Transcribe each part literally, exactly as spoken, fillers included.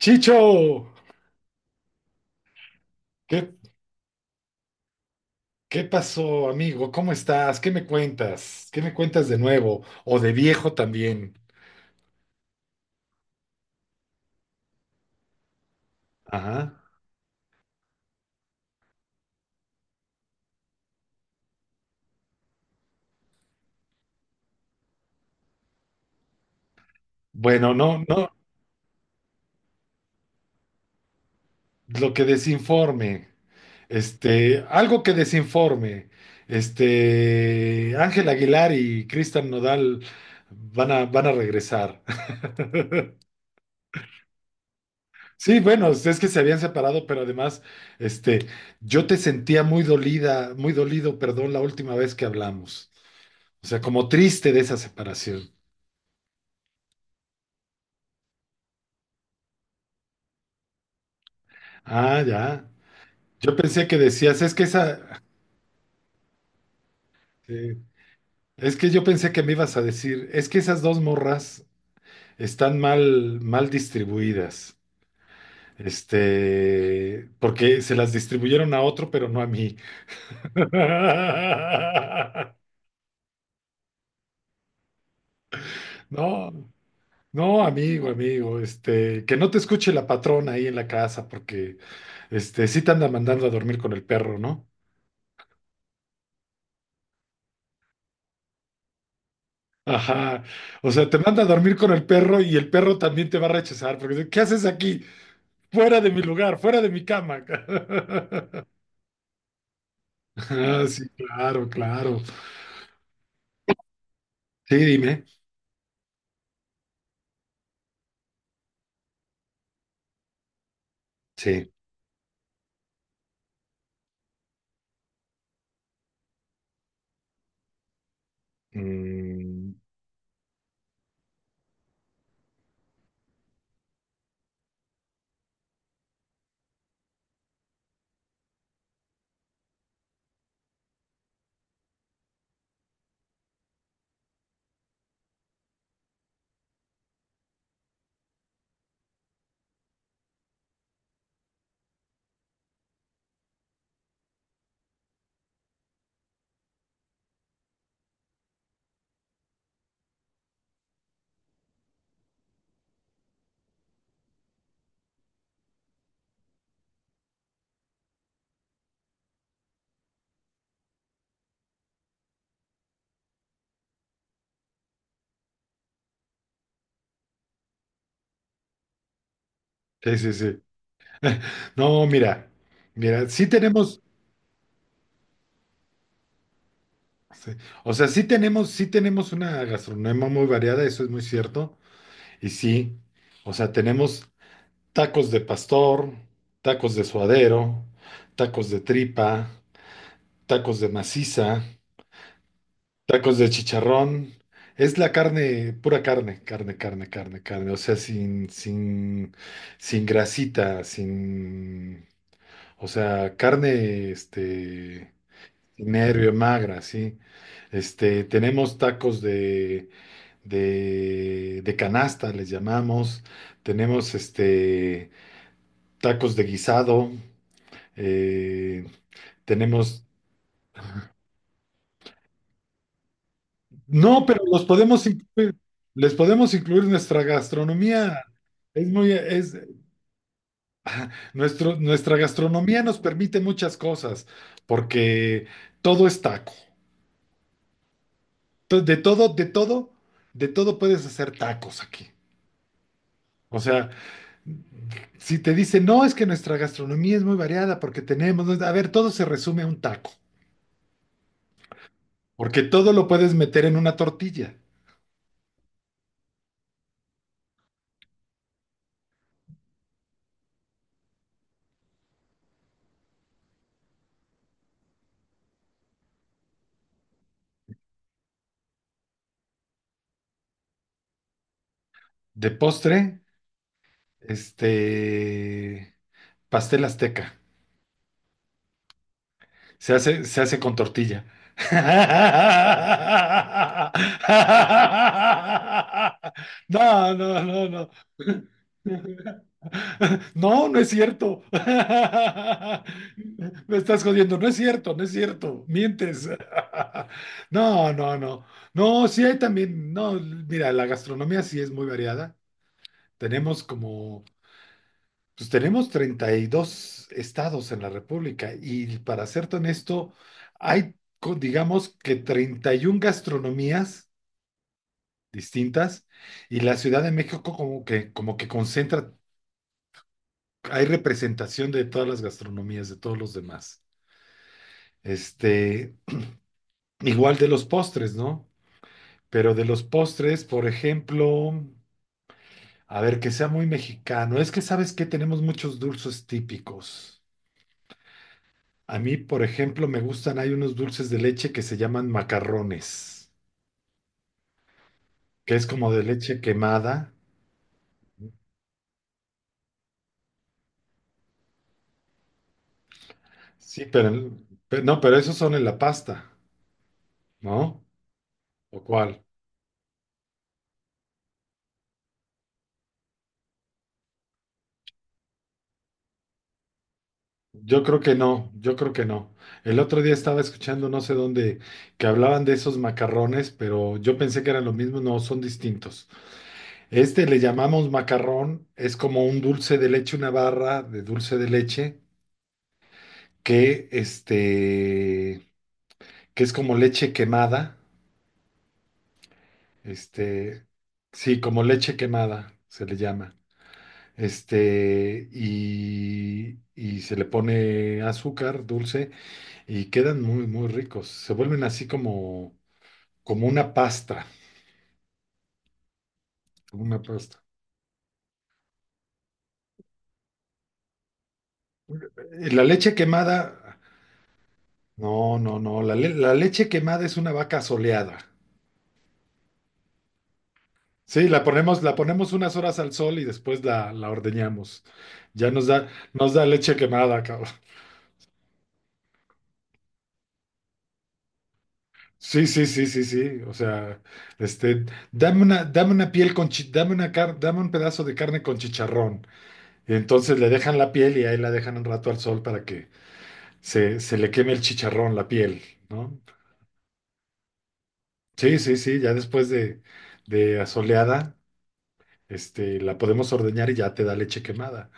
Chicho, ¿qué, qué pasó, amigo? ¿Cómo estás? ¿Qué me cuentas? ¿Qué me cuentas de nuevo? O de viejo también. Ajá. Bueno, no, no, lo que desinforme. Este, algo que desinforme. Este, Ángel Aguilar y Cristian Nodal van a, van a regresar. Sí, bueno, es que se habían separado, pero además, este, yo te sentía muy dolida, muy dolido, perdón, la última vez que hablamos. O sea, como triste de esa separación. Ah, ya. Yo pensé que decías, es que esa, eh, es que yo pensé que me ibas a decir, es que esas dos morras están mal, mal distribuidas. Este, porque se las distribuyeron a otro, pero no a mí. No, no, amigo, amigo, este, que no te escuche la patrona ahí en la casa, porque este, sí te anda mandando a dormir con el perro, ¿no? Ajá. O sea, te manda a dormir con el perro y el perro también te va a rechazar porque dice, ¿qué haces aquí? Fuera de mi lugar, fuera de mi cama. Ah, sí, claro, claro. Sí, dime. Sí. Mm, sí, sí, sí. No, mira, mira, sí tenemos, sí, o sea, sí tenemos, sí tenemos una gastronomía muy variada, eso es muy cierto. Y sí, o sea, tenemos tacos de pastor, tacos de suadero, tacos de tripa, tacos de maciza, tacos de chicharrón. Es la carne, pura carne, carne, carne, carne, carne. O sea, sin, sin, sin grasita, sin, o sea, carne, este, sin nervio, magra, sí. Este, tenemos tacos de, de, de canasta, les llamamos. Tenemos, este, tacos de guisado. eh, Tenemos. No, pero los podemos incluir, les podemos incluir nuestra gastronomía. Es muy, es, nuestro, nuestra gastronomía nos permite muchas cosas, porque todo es taco. To- De todo, de todo, de todo puedes hacer tacos aquí. O sea, si te dicen, no, es que nuestra gastronomía es muy variada porque tenemos, ¿no? A ver, todo se resume a un taco, porque todo lo puedes meter en una tortilla. De postre, este, pastel azteca. Se hace, se hace con tortilla. No, no, no, no. No, no es cierto. Me estás jodiendo. No es cierto, no es cierto. Mientes. No, no, no. No, sí hay también. No, mira, la gastronomía sí es muy variada. Tenemos como, pues tenemos treinta y dos estados en la República y para serte honesto, hay, co- digamos que treinta y una gastronomías distintas y la Ciudad de México como que, como que concentra, hay representación de todas las gastronomías, de todos los demás. Este, Igual de los postres, ¿no? Pero de los postres, por ejemplo, a ver, que sea muy mexicano, es que sabes que tenemos muchos dulces típicos. A mí, por ejemplo, me gustan, hay unos dulces de leche que se llaman macarrones, que es como de leche quemada. Sí, pero, pero no, pero esos son en la pasta, ¿no? ¿O cuál? Yo creo que no, yo creo que no. El otro día estaba escuchando no sé dónde que hablaban de esos macarrones, pero yo pensé que eran lo mismo, no, son distintos. Este le llamamos macarrón, es como un dulce de leche, una barra de dulce de leche que este que es como leche quemada. Este, sí, como leche quemada se le llama. Este, y, y se le pone azúcar dulce y quedan muy, muy ricos. Se vuelven así como, como una pasta, como una pasta. Eh, La leche quemada, no, no, no, la, le- la leche quemada es una vaca soleada. Sí, la ponemos, la ponemos unas horas al sol y después la, la ordeñamos. Ya nos da, nos da leche quemada, cabrón. Sí, sí, sí, sí, sí. O sea, este, dame una, dame una piel con chi- dame una car- dame un pedazo de carne con chicharrón. Y entonces le dejan la piel y ahí la dejan un rato al sol para que se, se le queme el chicharrón, la piel, ¿no? Sí, sí, sí, ya después de, de asoleada, este, la podemos ordeñar y ya te da leche quemada.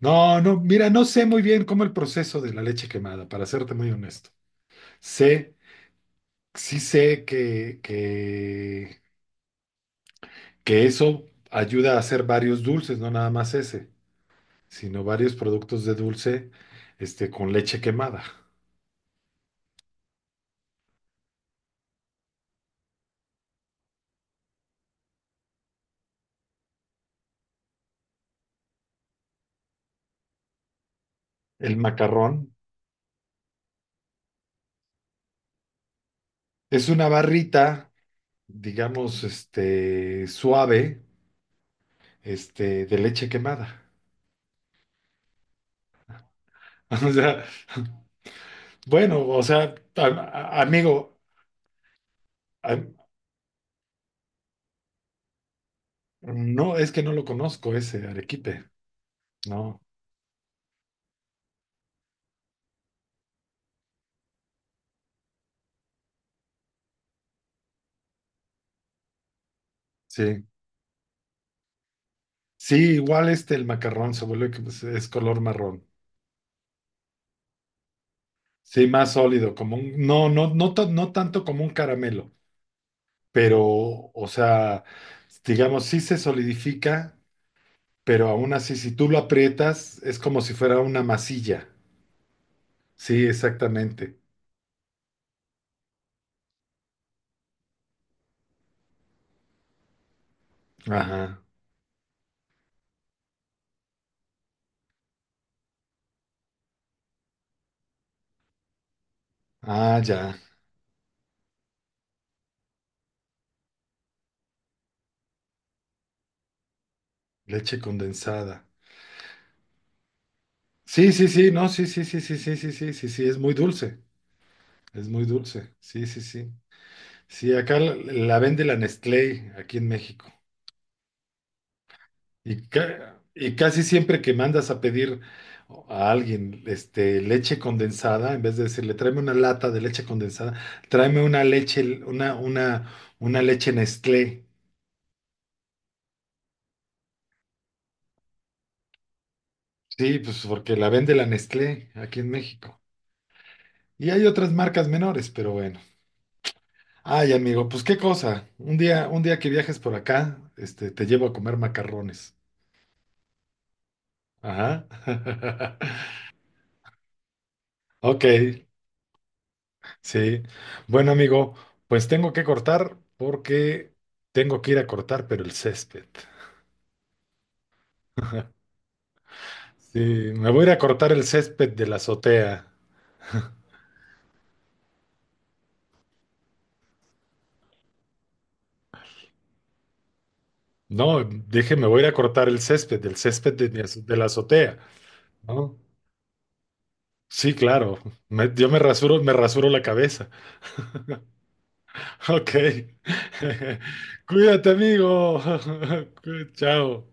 No, no, mira, no sé muy bien cómo el proceso de la leche quemada, para serte muy honesto. Sé, sí sé que, que que eso ayuda a hacer varios dulces, no nada más ese, sino varios productos de dulce, este, con leche quemada. El macarrón es una barrita, digamos, este, suave, este, de leche quemada. O sea, bueno, o sea, a- a- amigo, a- no, es que no lo conozco ese arequipe, ¿no? Sí. Sí, igual este, el macarrón se vuelve, que es es color marrón. Sí, más sólido, como un, no, no, no, ta- no tanto como un caramelo, pero, o sea, digamos, sí se solidifica, pero aún así, si tú lo aprietas, es como si fuera una masilla. Sí, exactamente. Ajá. Ah, ya. Leche condensada. Sí, sí, sí, no, sí, sí, sí, sí, sí, sí, sí, sí, sí, es muy dulce. Es muy dulce. Sí, sí, sí. Sí, acá la, la vende la Nestlé, aquí en México. Y, ca- y casi siempre que mandas a pedir a alguien, este, leche condensada, en vez de decirle tráeme una lata de leche condensada, tráeme una leche, una, una, una leche Nestlé. Sí, pues porque la vende la Nestlé aquí en México. Y hay otras marcas menores, pero bueno. Ay, amigo, pues qué cosa. Un día, un día que viajes por acá, este, te llevo a comer macarrones. Ajá. Ok. Sí. Bueno, amigo, pues tengo que cortar porque tengo que ir a cortar, pero el césped. Sí, me voy a ir a cortar el césped de la azotea. No, dije, me voy a ir a cortar el césped, el césped de, mi azo- de la azotea. ¿No? Sí, claro. Me- yo me rasuro, me rasuro la cabeza. Ok. Cuídate, amigo. Chao.